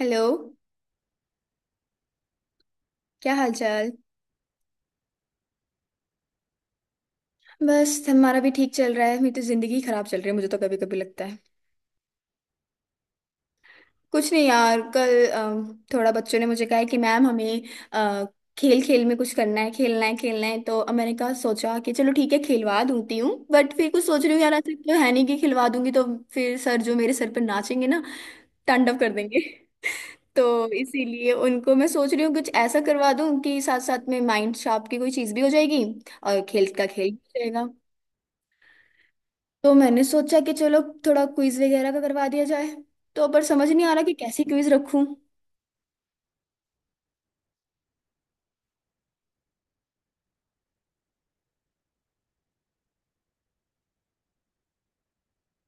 Hello. क्या हाल चाल। बस हमारा भी ठीक चल रहा है। मेरी तो जिंदगी खराब चल रही है, मुझे तो कभी कभी लगता है कुछ नहीं यार। कल थोड़ा बच्चों ने मुझे कहा है कि मैम हमें अ, खेल खेल में कुछ करना है, खेलना है खेलना है। तो अब मैंने कहा, सोचा कि चलो ठीक है खिलवा दूंती हूँ, बट फिर कुछ सोच रही हूँ यार, ऐसा तो है नहीं कि खिलवा दूंगी तो फिर सर जो मेरे सर पर नाचेंगे ना, तांडव कर देंगे। तो इसीलिए उनको मैं सोच रही हूँ कुछ ऐसा करवा दूं कि साथ साथ में माइंड शार्प की कोई चीज़ भी हो जाएगी और खेल का खेल भी हो जाएगा। तो मैंने सोचा कि चलो थोड़ा क्विज वगैरह का करवा दिया जाए, तो पर समझ नहीं आ रहा कि कैसी क्विज रखूं।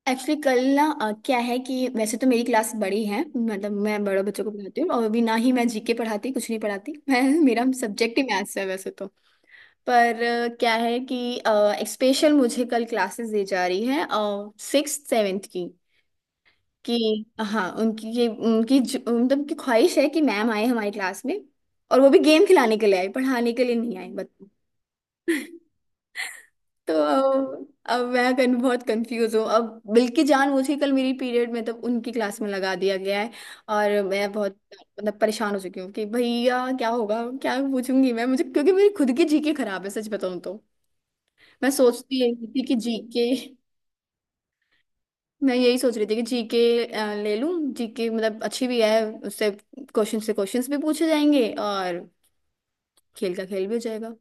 एक्चुअली कल ना क्या है कि वैसे तो मेरी क्लास बड़ी है, मतलब मैं बड़े बच्चों को पढ़ाती हूँ और अभी ना ही मैं जीके पढ़ाती, कुछ नहीं पढ़ाती। मैं, मेरा सब्जेक्ट ही मैथ्स है वैसे तो। पर क्या है कि एक स्पेशल मुझे कल क्लासेस दी जा रही है सिक्स सेवेंथ की। कि हाँ, उनकी ये उनकी मतलब की ख्वाहिश है कि मैम आए हमारी क्लास में और वो भी गेम खिलाने के लिए, आई पढ़ाने के लिए नहीं, आई बताओ। तो अब मैं बहुत कंफ्यूज हूँ। अब बिल्कि जानबूझ के कल मेरी पीरियड में तब उनकी क्लास में लगा दिया गया है। और मैं बहुत मतलब परेशान हो चुकी हूँ कि भैया क्या होगा, क्या पूछूंगी मैं, मुझे, क्योंकि मेरी खुद की जीके खराब है, सच बताऊँ तो। मैं सोचती यही थी कि जीके, मैं यही सोच रही थी कि जीके ले लूँ, जीके मतलब अच्छी भी है उससे क्वेश्चन से क्वेश्चंस भी पूछे जाएंगे और खेल का खेल भी हो जाएगा।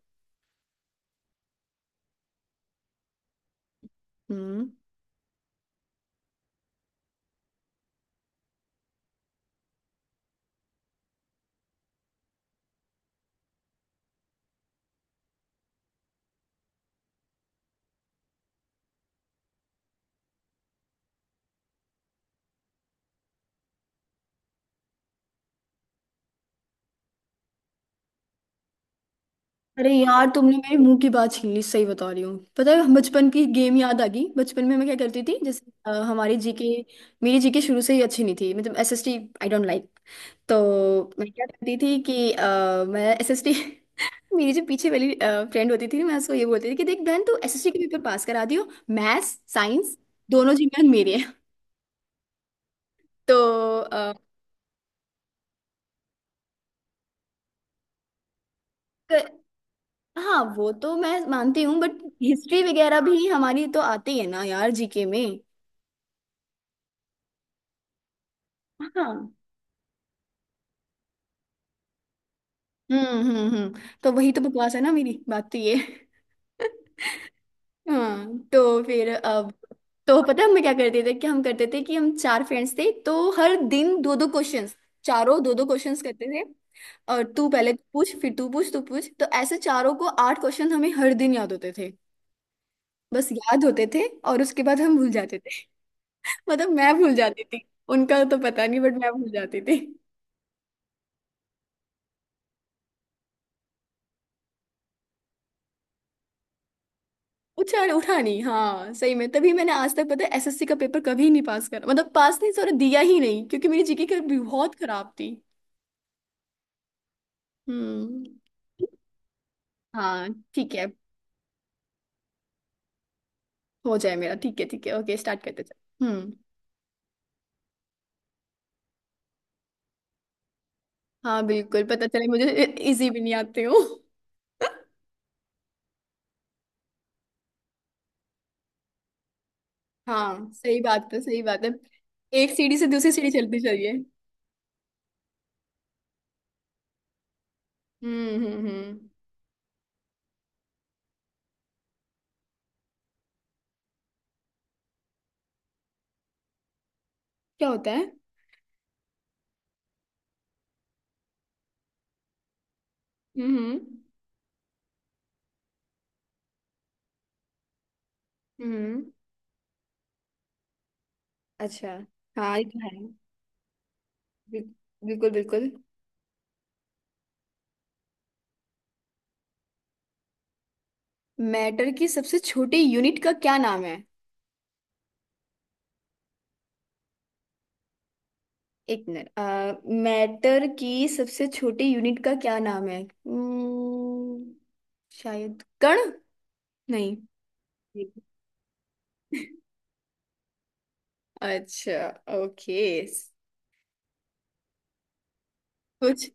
हम्म। अरे यार, तुमने मेरे मुंह की बात छीन ली, सही बता रही हूँ। पता है, बचपन की गेम याद आ गई। बचपन में मैं क्या करती थी, जैसे अ, हमारी जीके मेरी जीके शुरू से ही अच्छी नहीं थी, मतलब एसएसटी आई डोंट लाइक। तो मैं क्या करती थी कि मैं एसएसटी मेरी जो पीछे वाली फ्रेंड होती थी, मैं उसको ये बोलती थी कि देख बहन, तू एसएसटी के पेपर पास करा दियो, मैथ्स साइंस दोनों जी में मेरे हैं। तो अ, क- हाँ वो तो मैं मानती हूँ, बट हिस्ट्री वगैरह भी हमारी तो आती है ना यार, जीके में। हाँ। तो वही तो बकवास है ना, मेरी बात तो ये है। हाँ तो फिर अब, तो पता है हम क्या करते थे कि हम चार फ्रेंड्स थे, तो हर दिन दो दो क्वेश्चंस, चारों दो दो क्वेश्चंस करते थे। और तू पहले, तू पूछ, फिर तू पूछ, तू पूछ, तो ऐसे चारों को आठ क्वेश्चन हमें हर दिन याद होते थे। बस याद होते थे और उसके बाद हम भूल जाते थे। मतलब मैं भूल जाती थी, उनका तो पता नहीं, बट मैं भूल जाती थी। उठा, उठा नहीं। हाँ सही में, तभी मैंने आज तक, पता है, एसएससी का पेपर कभी नहीं पास करा, मतलब पास नहीं, सॉरी, दिया ही नहीं, क्योंकि मेरी जीके की बहुत खराब थी। हम्म। हाँ ठीक है, हो जाए मेरा। ठीक है, ठीक है, ओके, स्टार्ट करते चल। हम्म। हाँ बिल्कुल, पता चले मुझे इजी भी नहीं आते हो। हाँ सही बात है, सही बात है, एक सीढ़ी से दूसरी सीढ़ी चलती चलिए। हम्म हम्म हम्म क्या होता है? हम्म। हम्म। हम्म, अच्छा। हाँ, ये तो है। बिल- बिल्कुल, बिल्कुल। मैटर की सबसे छोटी यूनिट का क्या नाम है? एक मिनट, मैटर की सबसे छोटी यूनिट का क्या नाम है? शायद कण। नहीं? अच्छा, ओके। कुछ,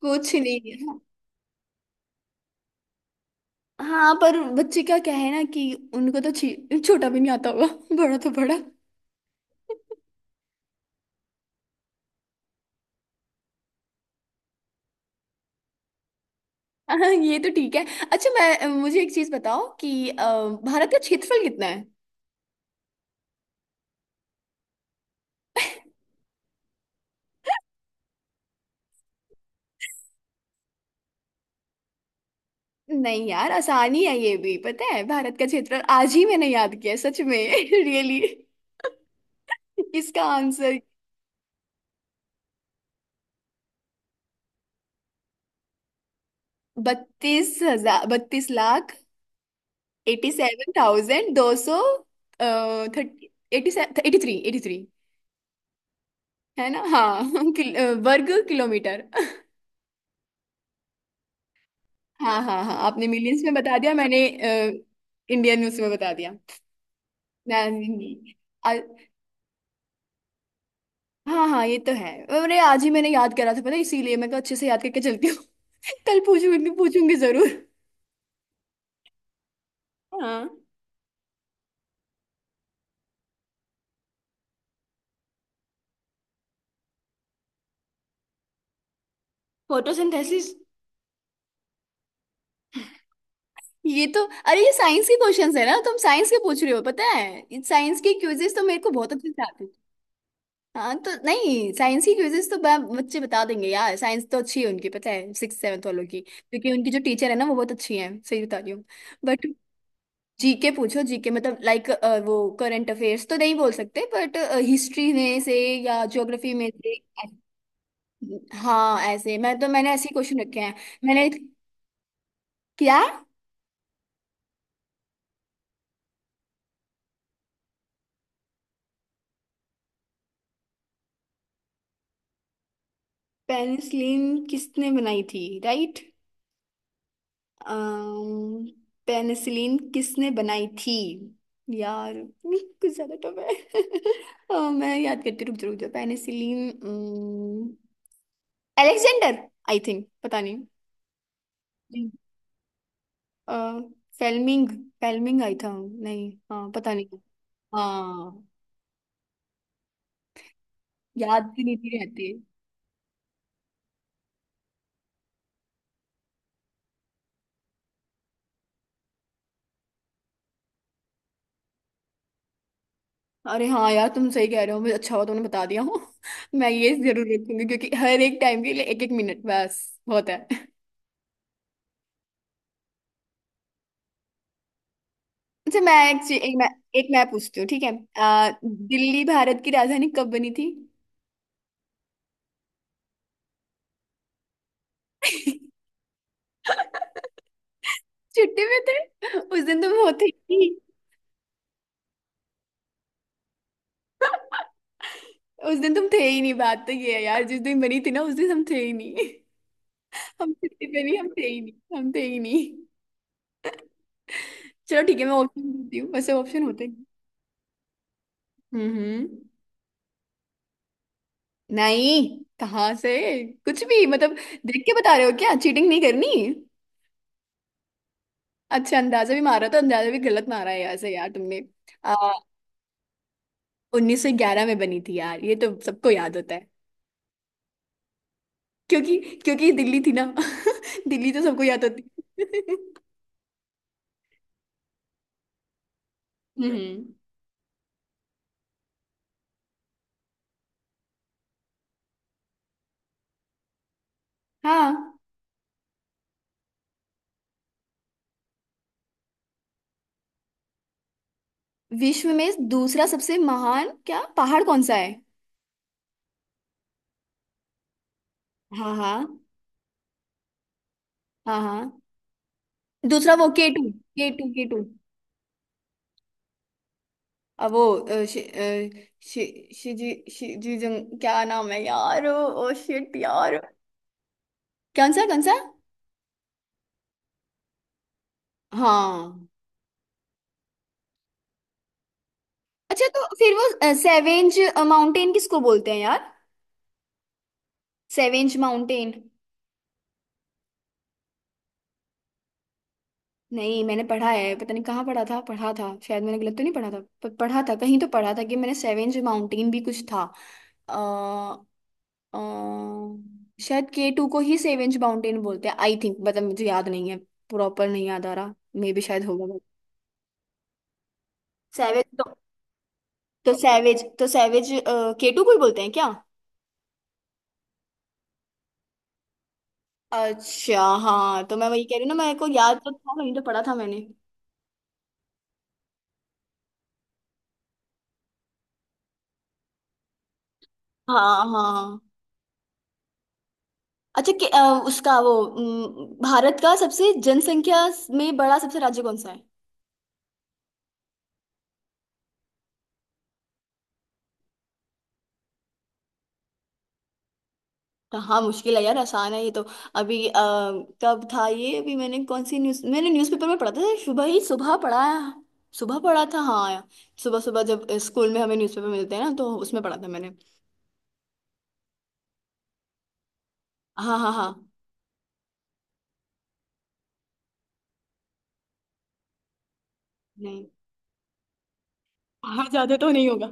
कुछ नहीं। हाँ पर बच्चे क्या, क्या है ना कि उनको तो छोटा भी नहीं आता होगा। बड़ा तो बड़ा। हाँ, ये तो ठीक है। अच्छा मैं, मुझे एक चीज बताओ कि भारत का क्षेत्रफल कितना है? नहीं यार, आसानी है, ये भी पता है। भारत का क्षेत्रफल आज ही मैंने याद किया है, सच में। रियली? इसका आंसर बत्तीस हजार, बत्तीस लाख एटी सेवन थाउजेंड दो सौ thirty eighty, eighty three, eighty three है ना? हाँ। वर्ग किलोमीटर। हाँ हाँ हाँ, आपने मिलियंस में बता दिया, मैंने इंडियन उसमें बता दिया। मैं आ, हाँ हाँ, ये तो है। अरे आज ही मैंने याद करा था, पता है, इसीलिए मैं कहा अच्छे से याद करके चलती हूँ। कल पूछूंगी, पूछूंगी जरूर। हाँ। फोटोसिंथेसिस। ये तो, अरे ये साइंस के क्वेश्चंस है ना, तुम साइंस के पूछ रहे हो, पता है साइंस के क्विजेस तो मेरे को बहुत अच्छे से आते हैं। हाँ तो नहीं, साइंस की क्विजेस तो बच्चे बता देंगे यार, साइंस तो अच्छी है उनकी, पता है, सिक्स सेवन्थ वालों की, क्योंकि उनकी जो टीचर है ना, वो बहुत अच्छी है, सही बता रही हूँ। बट जीके पूछो, जीके मतलब, लाइक, वो करंट अफेयर्स तो नहीं बोल सकते, बट हिस्ट्री में से या ज्योग्राफी में से। हाँ ऐसे, मैं तो मैंने ऐसे क्वेश्चन रखे हैं। मैंने? क्या? पेनिसिलिन किसने बनाई थी? राइट। अम्म पेनिसिलिन किसने बनाई थी? यार कुछ ज्यादा टफ है। मैं याद करती हूँ, रुक जा रुक जा, पेनिसिलिन, अलेक्जेंडर, आई थिंक, पता नहीं। नहीं। अ, फेल्मिंग, फेल्मिंग आई था, नहीं, हाँ पता नहीं। हाँ। याद भी नहीं रहती। अरे हाँ यार, तुम सही कह रहे हो, मुझे अच्छा हुआ तुमने बता दिया हो। मैं ये जरूर रखूंगी, क्योंकि हर एक टाइम के लिए एक एक मिनट बस होता है। अच्छा मैं एक मैं पूछती हूँ, ठीक है? दिल्ली भारत की राजधानी कब बनी थी? छुट्टी में थे उस दिन तुम, होते ही नहीं। उस दिन तुम थे ही नहीं, बात तो ये है यार, जिस दिन बनी थी ना उस दिन हम थे ही नहीं। हम छुट्टी पे नहीं, हम थे ही नहीं, हम थे ही नहीं। चलो ठीक है, मैं ऑप्शन देती हूँ वैसे, ऑप्शन होते हैं। हम्म, नहीं, कहाँ से, कुछ भी मतलब। देख के बता रहे हो क्या? चीटिंग नहीं करनी। अच्छा, अंदाजा भी मारा तो अंदाजा भी गलत मारा है ऐसे यार तुमने। 1911 में बनी थी यार, ये तो सबको याद होता है, क्योंकि, क्योंकि ये दिल्ली थी ना। दिल्ली तो सबको याद होती। हम्म। हाँ। विश्व में दूसरा सबसे महान, क्या, पहाड़ कौन सा है? हाँ हाँ हाँ। हाँ। दूसरा वो K two, K two, K two. अब वो शिजी शिजी जंग, क्या नाम है यार, ओ शिट यार। कौन सा, कौन सा? हाँ। अच्छा, तो फिर वो सेवेंज माउंटेन किसको बोलते हैं यार? सेवेंज माउंटेन। नहीं मैंने पढ़ा है, पता नहीं कहाँ पढ़ा था, पढ़ा था, शायद मैंने गलत तो नहीं पढ़ा था, पढ़ा था, कहीं तो पढ़ा था कि, मैंने सेवेंज माउंटेन भी कुछ था। आ, शायद के टू को ही सेवेंज माउंटेन बोलते हैं, आई थिंक, मतलब मुझे याद नहीं है, प्रॉपर नहीं याद आ रहा, मे भी शायद होगा। सैवेज तो सैवेज, तो सैवेज के टू को ही बोलते हैं क्या? अच्छा। हाँ तो मैं वही कह रही हूँ ना, मेरे को याद तो था, कहीं तो पढ़ा था मैंने। हाँ हाँ। अच्छा कि, भारत का सबसे जनसंख्या में बड़ा सबसे राज्य कौन सा है? तो हाँ, मुश्किल है यार, आसान है ये तो। अभी कब था ये, अभी मैंने कौन सी न्यूज, मैंने न्यूज़पेपर में पढ़ा था, सुबह ही सुबह पढ़ा है, सुबह पढ़ा था हाँ यार, सुबह सुबह जब स्कूल में हमें न्यूज़पेपर मिलते हैं ना, तो उसमें पढ़ा था मैंने। हाँ हाँ हाँ। नहीं पहाड़ ज्यादा तो नहीं होगा।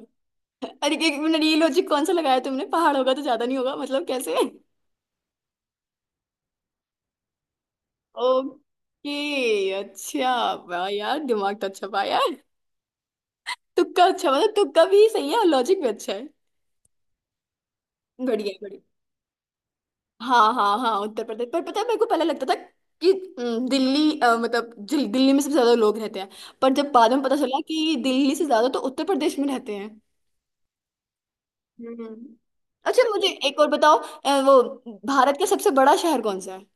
अरे एक मिनट, ये लॉजिक कौन सा लगाया तुमने, पहाड़ होगा तो ज्यादा नहीं होगा, मतलब कैसे? ओके। अच्छा वाह यार, दिमाग तो अच्छा पाया। तुक्का, अच्छा मतलब तुक्का भी सही है और लॉजिक भी अच्छा है। बढ़िया बढ़िया। हाँ हाँ हाँ, उत्तर प्रदेश, पर पता है मेरे को पहले लगता था कि दिल्ली, मतलब दिल्ली में सबसे ज्यादा लोग रहते हैं, पर जब बाद में पता चला कि दिल्ली से ज्यादा तो उत्तर प्रदेश में रहते हैं। हम्म। अच्छा मुझे एक और बताओ, वो भारत का सबसे बड़ा शहर कौन सा है?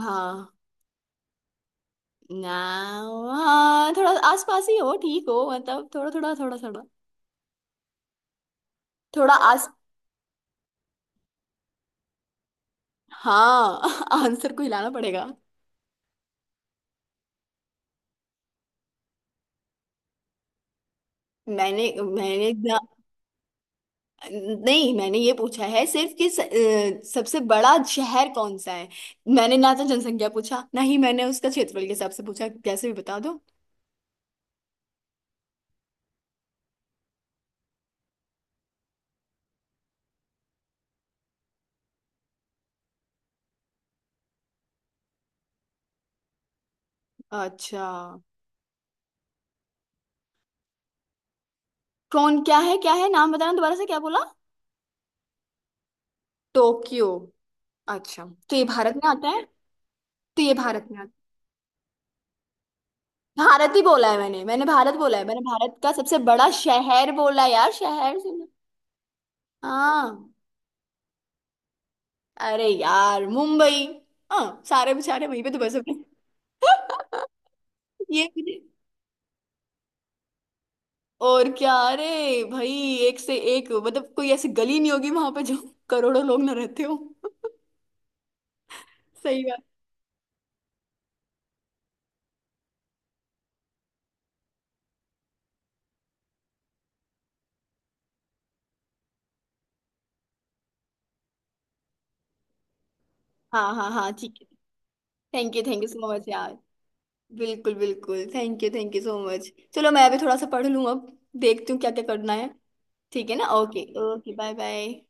हाँ ना, हाँ थोड़ा आसपास ही हो, ठीक हो मतलब, थोड़ा थोड़ा थोड़ा थोड़ा, थोड़ा आस हाँ। आंसर को हिलाना पड़ेगा। मैंने मैंने नहीं मैंने ये पूछा है सिर्फ कि सबसे बड़ा शहर कौन सा है। मैंने ना तो जनसंख्या पूछा, ना ही मैंने उसका क्षेत्रफल के हिसाब से पूछा, कैसे भी बता दो। अच्छा, कौन, क्या है, क्या है नाम, बताना दोबारा से, क्या बोला? टोक्यो? अच्छा, तो ये भारत में आता है? तो ये भारत में आता है, भारत ही बोला है मैंने, मैंने भारत बोला है, मैंने भारत का सबसे बड़ा शहर बोला यार, शहर से। हाँ। अरे यार, मुंबई। हाँ सारे बेचारे वहीं पे तो बस। ये, और क्या, अरे भाई, एक से एक, मतलब कोई ऐसी गली नहीं होगी वहां पे जो करोड़ों लोग ना रहते हो। सही बात। हाँ हाँ हाँ ठीक है। Thank you, thank you so much यार, बिल्कुल बिल्कुल, thank you, thank you so much. चलो मैं अभी थोड़ा सा पढ़ लूँ अब, देखती हूँ क्या क्या करना है। ठीक है ना, ओके, ओके, बाय बाय।